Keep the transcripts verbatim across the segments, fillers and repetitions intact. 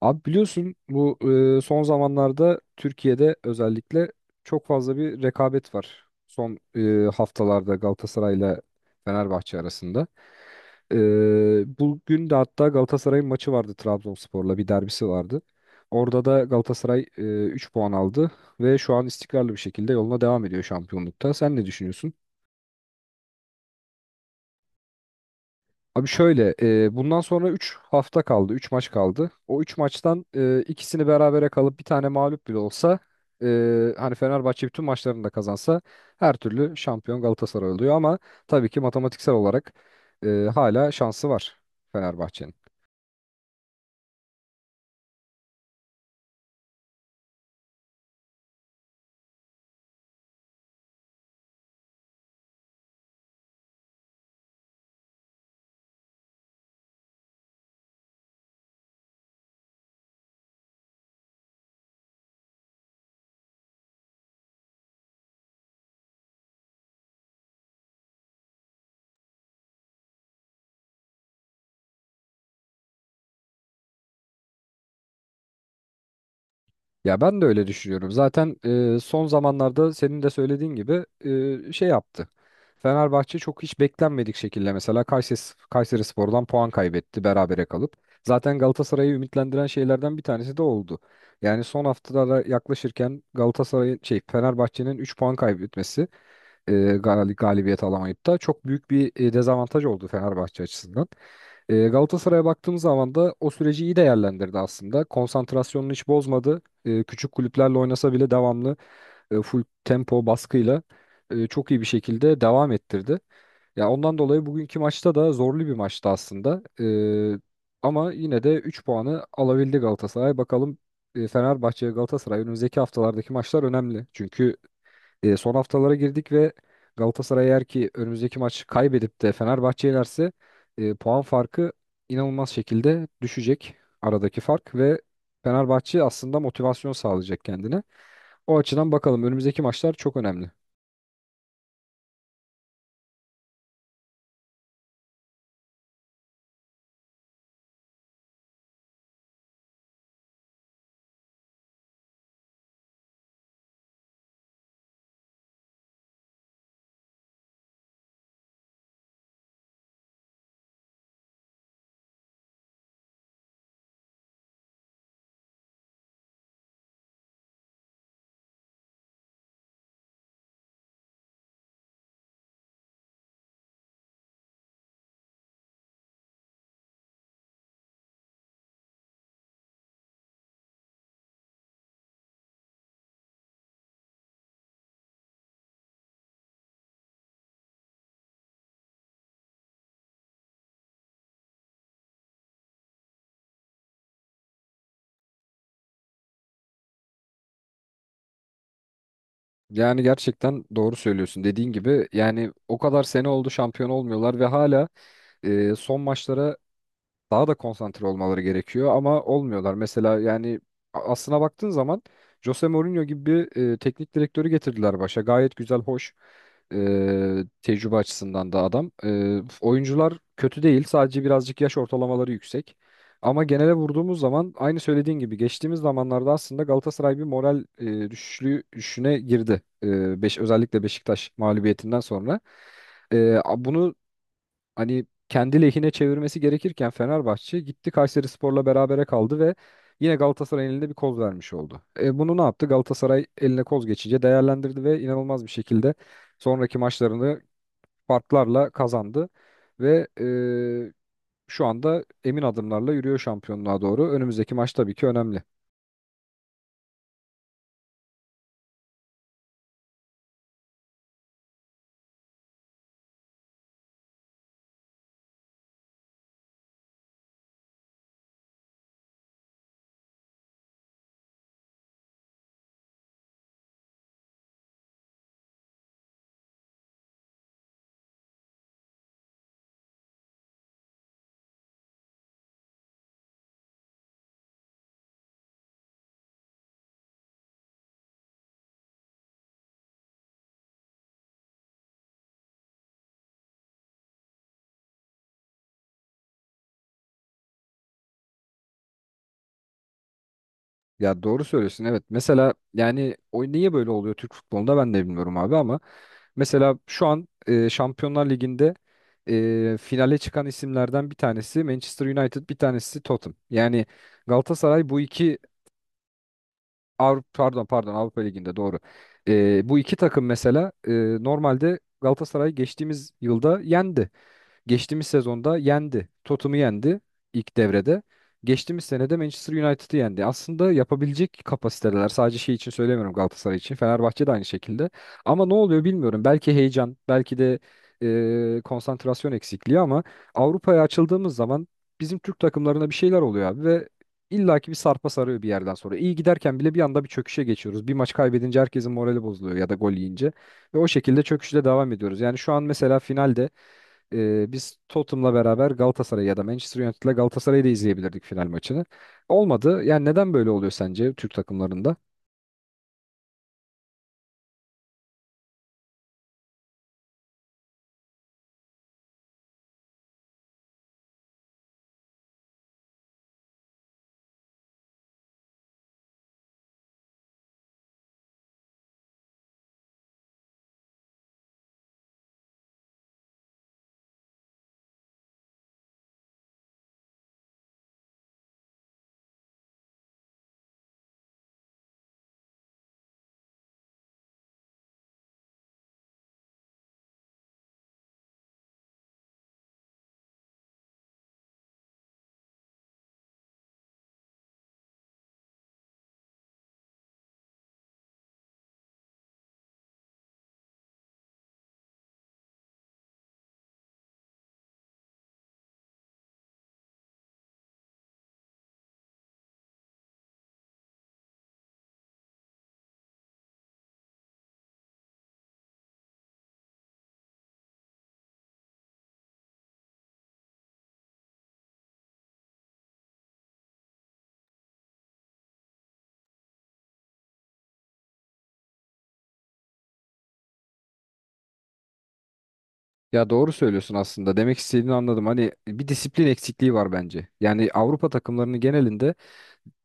Abi biliyorsun bu e, son zamanlarda Türkiye'de özellikle çok fazla bir rekabet var. Son e, haftalarda Galatasaray'la Fenerbahçe arasında. E, Bugün de hatta Galatasaray'ın maçı vardı, Trabzonspor'la bir derbisi vardı. Orada da Galatasaray üç puan aldı ve şu an istikrarlı bir şekilde yoluna devam ediyor şampiyonlukta. Sen ne düşünüyorsun? Abi şöyle, e, bundan sonra üç hafta kaldı, üç maç kaldı. O üç maçtan e, ikisini berabere kalıp bir tane mağlup bile olsa, e, hani Fenerbahçe bütün maçlarını da kazansa her türlü şampiyon Galatasaray oluyor ama tabii ki matematiksel olarak e, hala şansı var Fenerbahçe'nin. Ya ben de öyle düşünüyorum. Zaten e, son zamanlarda senin de söylediğin gibi e, şey yaptı. Fenerbahçe çok hiç beklenmedik şekilde mesela Kayseri, Kayseri Spor'dan puan kaybetti berabere kalıp. Zaten Galatasaray'ı ümitlendiren şeylerden bir tanesi de oldu. Yani son haftalara yaklaşırken Galatasaray'ın şey Fenerbahçe'nin üç puan kaybetmesi, e, gal- galibiyet alamayıp da çok büyük bir e, dezavantaj oldu Fenerbahçe açısından. E, Galatasaray'a baktığımız zaman da o süreci iyi değerlendirdi aslında. Konsantrasyonunu hiç bozmadı. E, küçük kulüplerle oynasa bile devamlı e, full tempo baskıyla e, çok iyi bir şekilde devam ettirdi. Ya ondan dolayı bugünkü maçta da zorlu bir maçtı aslında. E, ama yine de üç puanı alabildi Galatasaray. Bakalım, e, Fenerbahçe ve Galatasaray önümüzdeki haftalardaki maçlar önemli. Çünkü e, son haftalara girdik ve Galatasaray eğer ki önümüzdeki maçı kaybedip de Fenerbahçe'ye yenerse e, puan farkı inanılmaz şekilde düşecek, aradaki fark, ve Fenerbahçe aslında motivasyon sağlayacak kendine. O açıdan bakalım, önümüzdeki maçlar çok önemli. Yani gerçekten doğru söylüyorsun. Dediğin gibi yani o kadar sene oldu şampiyon olmuyorlar ve hala e, son maçlara daha da konsantre olmaları gerekiyor ama olmuyorlar. Mesela yani a- aslına baktığın zaman Jose Mourinho gibi bir e, teknik direktörü getirdiler başa. Gayet güzel, hoş, e, tecrübe açısından da adam. E, oyuncular kötü değil, sadece birazcık yaş ortalamaları yüksek. Ama genele vurduğumuz zaman aynı söylediğin gibi geçtiğimiz zamanlarda aslında Galatasaray bir moral e, düşüşlüğü düşüşüne girdi. E, beş, özellikle Beşiktaş mağlubiyetinden sonra. E, a- bunu hani kendi lehine çevirmesi gerekirken Fenerbahçe gitti Kayserispor'la berabere kaldı ve yine Galatasaray'ın elinde bir koz vermiş oldu. E, bunu ne yaptı? Galatasaray eline koz geçince değerlendirdi ve inanılmaz bir şekilde sonraki maçlarını farklarla kazandı ve e, şu anda emin adımlarla yürüyor şampiyonluğa doğru. Önümüzdeki maç tabii ki önemli. Ya doğru söylüyorsun, evet. Mesela yani o niye böyle oluyor Türk futbolunda ben de bilmiyorum abi, ama mesela şu an e, Şampiyonlar Ligi'nde e, finale çıkan isimlerden bir tanesi Manchester United, bir tanesi Tottenham. Yani Galatasaray bu iki Avrupa, pardon pardon Avrupa Ligi'nde, doğru. E, bu iki takım mesela, e, normalde Galatasaray geçtiğimiz yılda yendi. Geçtiğimiz sezonda yendi. Tottenham'ı yendi ilk devrede. Geçtiğimiz senede Manchester United'ı yendi. Aslında yapabilecek kapasiteler. Sadece şey için söylemiyorum, Galatasaray için. Fenerbahçe de aynı şekilde. Ama ne oluyor bilmiyorum. Belki heyecan, belki de e, konsantrasyon eksikliği, ama Avrupa'ya açıldığımız zaman bizim Türk takımlarına bir şeyler oluyor abi ve illaki bir sarpa sarıyor bir yerden sonra. İyi giderken bile bir anda bir çöküşe geçiyoruz. Bir maç kaybedince herkesin morali bozuluyor ya da gol yiyince. Ve o şekilde çöküşle devam ediyoruz. Yani şu an mesela finalde e, biz Tottenham'la beraber Galatasaray ya da Manchester United'la Galatasaray'ı da izleyebilirdik final maçını. Olmadı. Yani neden böyle oluyor sence Türk takımlarında? Ya doğru söylüyorsun aslında. Demek istediğini anladım. Hani bir disiplin eksikliği var bence. Yani Avrupa takımlarının genelinde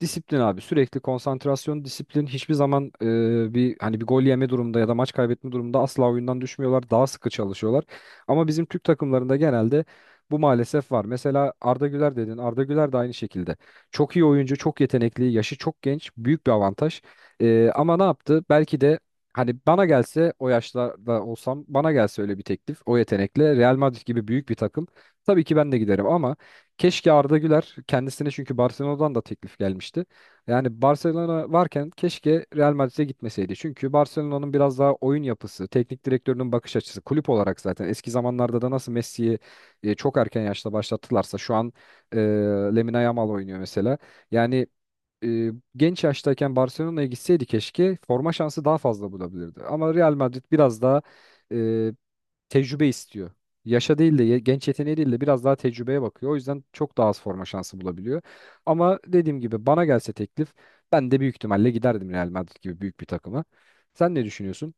disiplin abi, sürekli konsantrasyon, disiplin, hiçbir zaman e, bir hani bir gol yeme durumda ya da maç kaybetme durumunda asla oyundan düşmüyorlar. Daha sıkı çalışıyorlar. Ama bizim Türk takımlarında genelde bu maalesef var. Mesela Arda Güler dedin. Arda Güler de aynı şekilde. Çok iyi oyuncu, çok yetenekli, yaşı çok genç, büyük bir avantaj. E, ama ne yaptı? Belki de hani bana gelse, o yaşlarda olsam, bana gelse öyle bir teklif, o yetenekle Real Madrid gibi büyük bir takım, tabii ki ben de giderim, ama keşke Arda Güler kendisine, çünkü Barcelona'dan da teklif gelmişti. Yani Barcelona varken keşke Real Madrid'e gitmeseydi. Çünkü Barcelona'nın biraz daha oyun yapısı, teknik direktörünün bakış açısı, kulüp olarak zaten eski zamanlarda da nasıl Messi'yi e, çok erken yaşta başlattılarsa, şu an e, Lamine Yamal oynuyor mesela. Yani e, genç yaştayken Barcelona'ya gitseydi keşke forma şansı daha fazla bulabilirdi. Ama Real Madrid biraz daha e, tecrübe istiyor. Yaşa değil de ye- genç yeteneği değil de biraz daha tecrübeye bakıyor. O yüzden çok daha az forma şansı bulabiliyor. Ama dediğim gibi bana gelse teklif, ben de büyük ihtimalle giderdim Real Madrid gibi büyük bir takıma. Sen ne düşünüyorsun?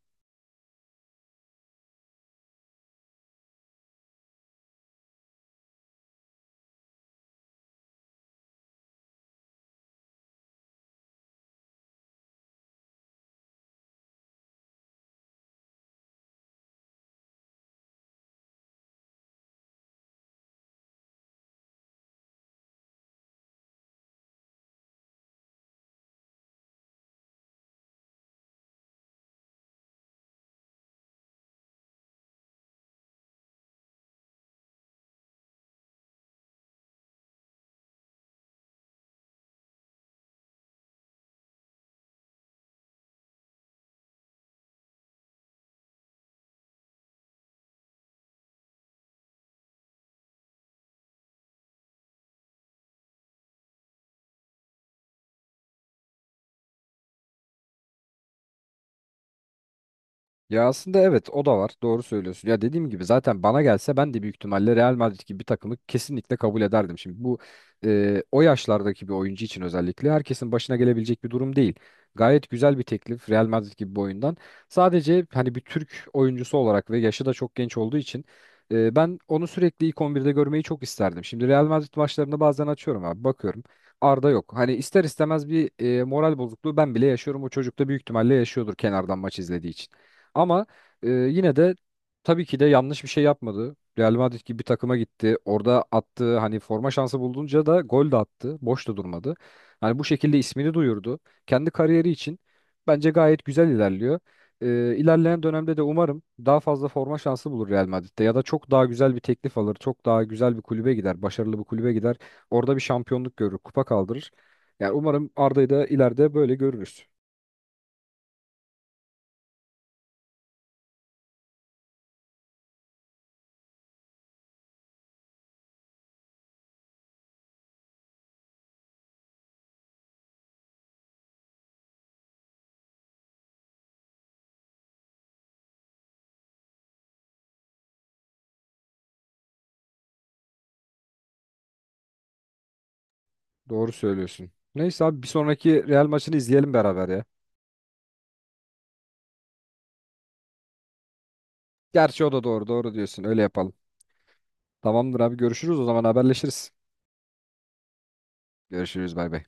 Ya aslında evet, o da var. Doğru söylüyorsun. Ya dediğim gibi zaten bana gelse ben de büyük ihtimalle Real Madrid gibi bir takımı kesinlikle kabul ederdim. Şimdi bu e, o yaşlardaki bir oyuncu için özellikle herkesin başına gelebilecek bir durum değil. Gayet güzel bir teklif Real Madrid gibi bir oyundan. Sadece hani bir Türk oyuncusu olarak ve yaşı da çok genç olduğu için e, ben onu sürekli ilk on birde görmeyi çok isterdim. Şimdi Real Madrid maçlarını bazen açıyorum abi, bakıyorum. Arda yok. Hani ister istemez bir e, moral bozukluğu ben bile yaşıyorum. O çocuk da büyük ihtimalle yaşıyordur kenardan maç izlediği için. Ama e, yine de tabii ki de yanlış bir şey yapmadı. Real Madrid gibi bir takıma gitti. Orada attığı, hani forma şansı bulduğunca da gol de attı. Boş da durmadı. Hani bu şekilde ismini duyurdu. Kendi kariyeri için bence gayet güzel ilerliyor. E, ilerleyen dönemde de umarım daha fazla forma şansı bulur Real Madrid'de ya da çok daha güzel bir teklif alır. Çok daha güzel bir kulübe gider. Başarılı bir kulübe gider. Orada bir şampiyonluk görür, kupa kaldırır. Yani umarım Arda'yı da ileride böyle görürüz. Doğru söylüyorsun. Neyse abi, bir sonraki Real maçını izleyelim beraber ya. Gerçi o da doğru. Doğru diyorsun. Öyle yapalım. Tamamdır abi, görüşürüz o zaman, haberleşiriz. Görüşürüz, bay bay.